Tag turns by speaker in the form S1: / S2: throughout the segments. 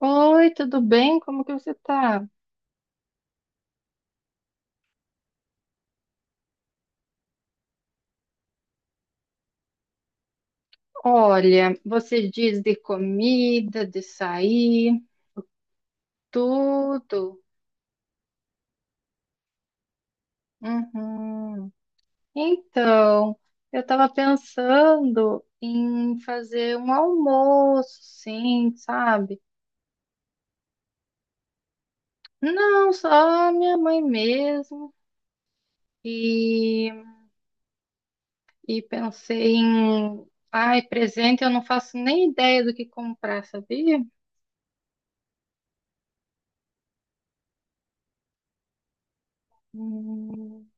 S1: Oi, tudo bem? Como que você tá? Olha, você diz de comida, de sair, tudo. Uhum. Então, eu estava pensando em fazer um almoço, sim, sabe? Não, só minha mãe mesmo. E, e pensei em, ai, presente, eu não faço nem ideia do que comprar, sabia? Hum,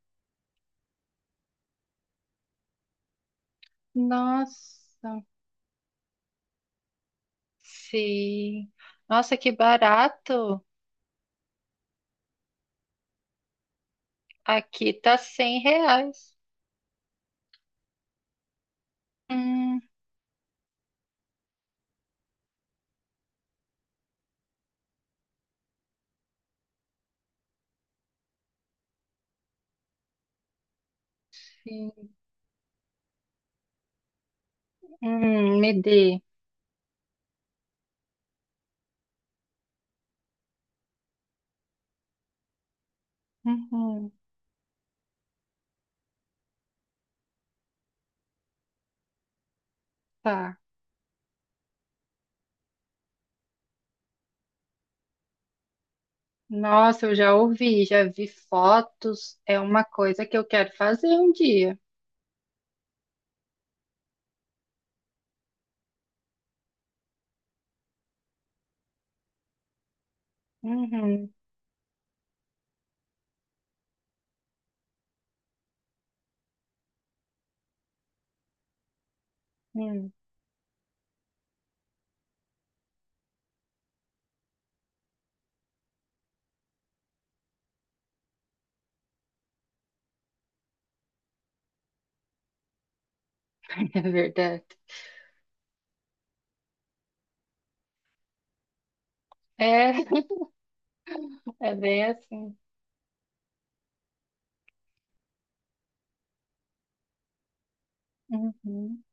S1: nossa. Sim. Nossa, que barato. Aqui tá 100 reais. Hum, sim. Me dê. Uhum, tá. Nossa, eu já ouvi, já vi fotos. É uma coisa que eu quero fazer um dia. Uhum, hum, é verdade. É, é bem assim. Uhum,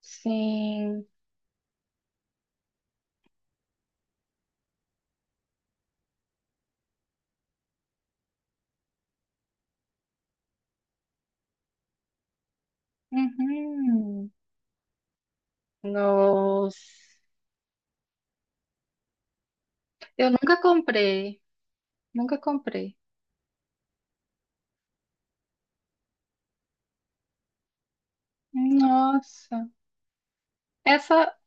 S1: sim. Uhum. Nossa. Eu nunca comprei. Nunca comprei. Nossa. Essa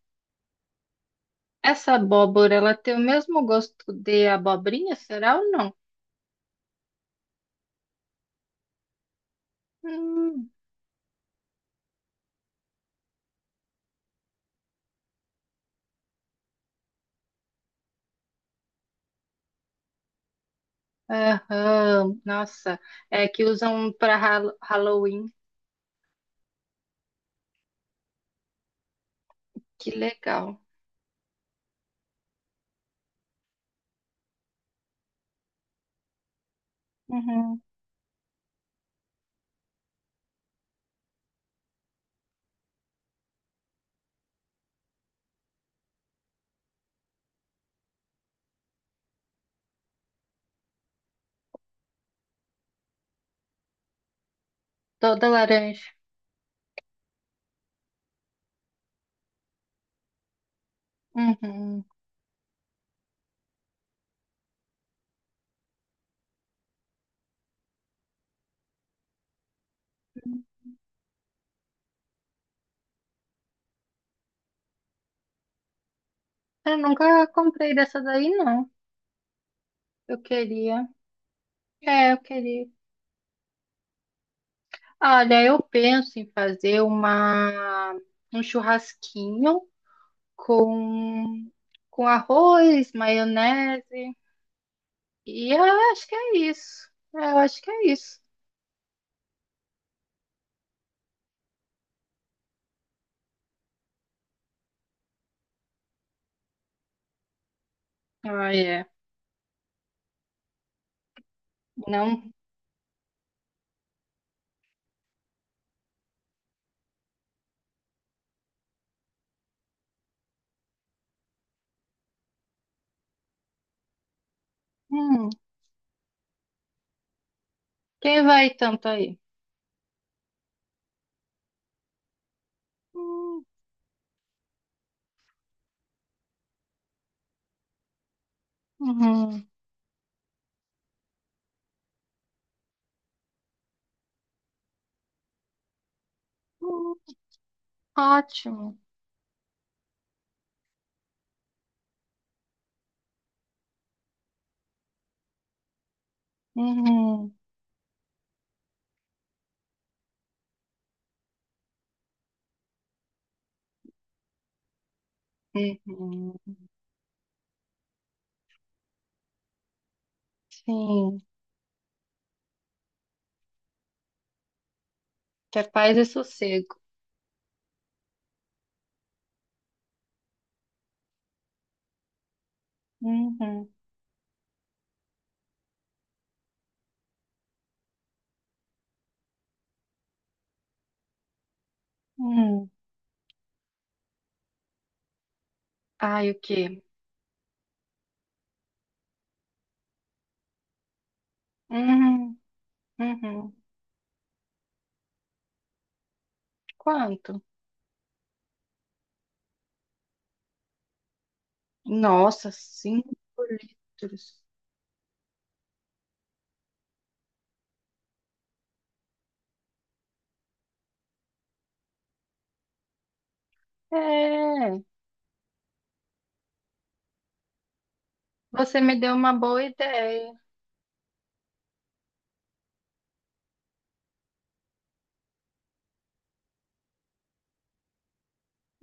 S1: Essa abóbora, ela tem o mesmo gosto de abobrinha, será ou não? Hum, aham, nossa, é que usam para Halloween. Que legal. Uhum, toda laranja. Uhum. Eu nunca comprei dessa daí, não. Eu queria. É, eu queria. Olha, eu penso em fazer uma um churrasquinho com com arroz, maionese. E eu acho que é isso. Eu acho que é isso. Ah, é. Não. Hum. Quem vai tanto aí? Hum, uhum, hum, ótimo. Uhum, uhum. Sim. Que é paz e sossego. Uhum. Uhum. Ai, o quê? Uhum. Uhum. Quanto? Nossa, cinco litros. É. Você me deu uma boa ideia.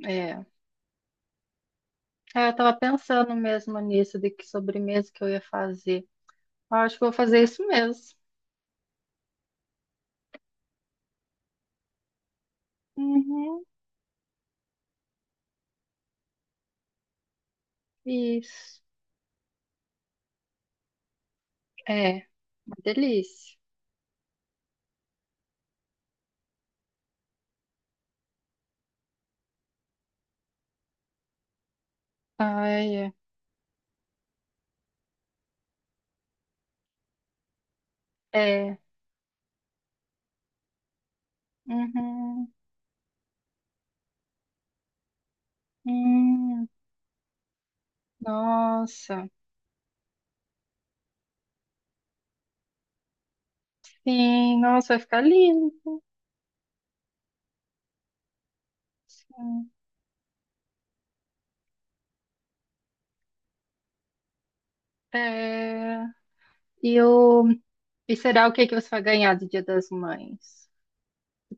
S1: É. É, eu tava pensando mesmo nisso, de que sobremesa que eu ia fazer. Eu acho que vou fazer isso mesmo. Uhum. Isso. É, uma delícia. Ai, é. É. Uhum. Hum, nossa. Sim, nossa, vai ficar lindo. Sim. É. E, o... E será o que que você vai ganhar do Dia das Mães?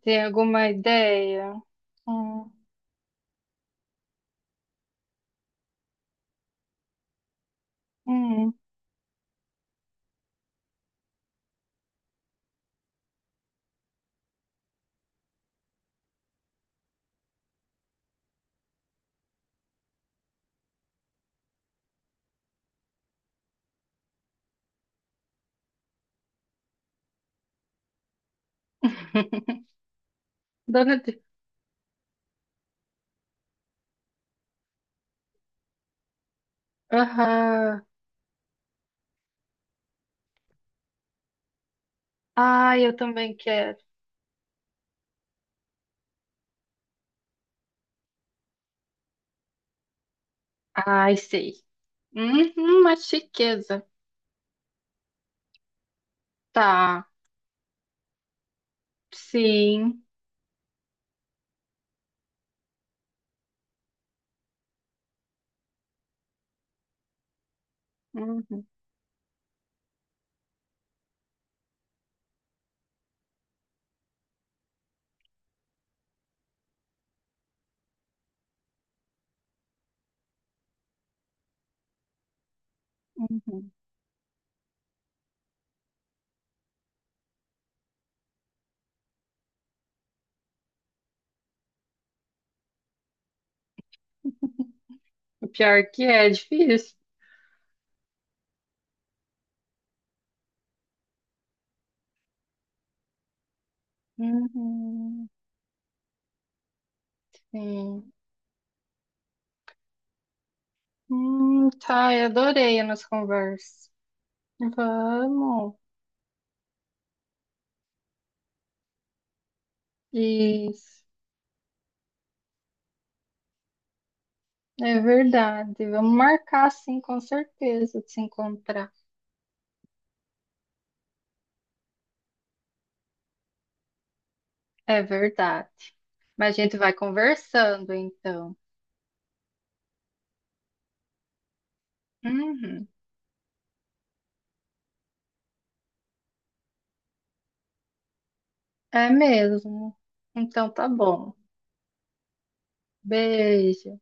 S1: Tem alguma ideia? Hum. Hum. Dona de... Aham. Ai, eu também quero. Ai, sei. Uhum, uma chiqueza. Tá. Sim. Uhum, uhum. O pior que é, é difícil. Uhum, sim. Tá, eu adorei a nossa conversa. Vamos. Isso. É verdade. Vamos marcar, sim, com certeza, de se encontrar. É verdade. Mas a gente vai conversando, então. Uhum. É mesmo. Então tá bom. Beijo.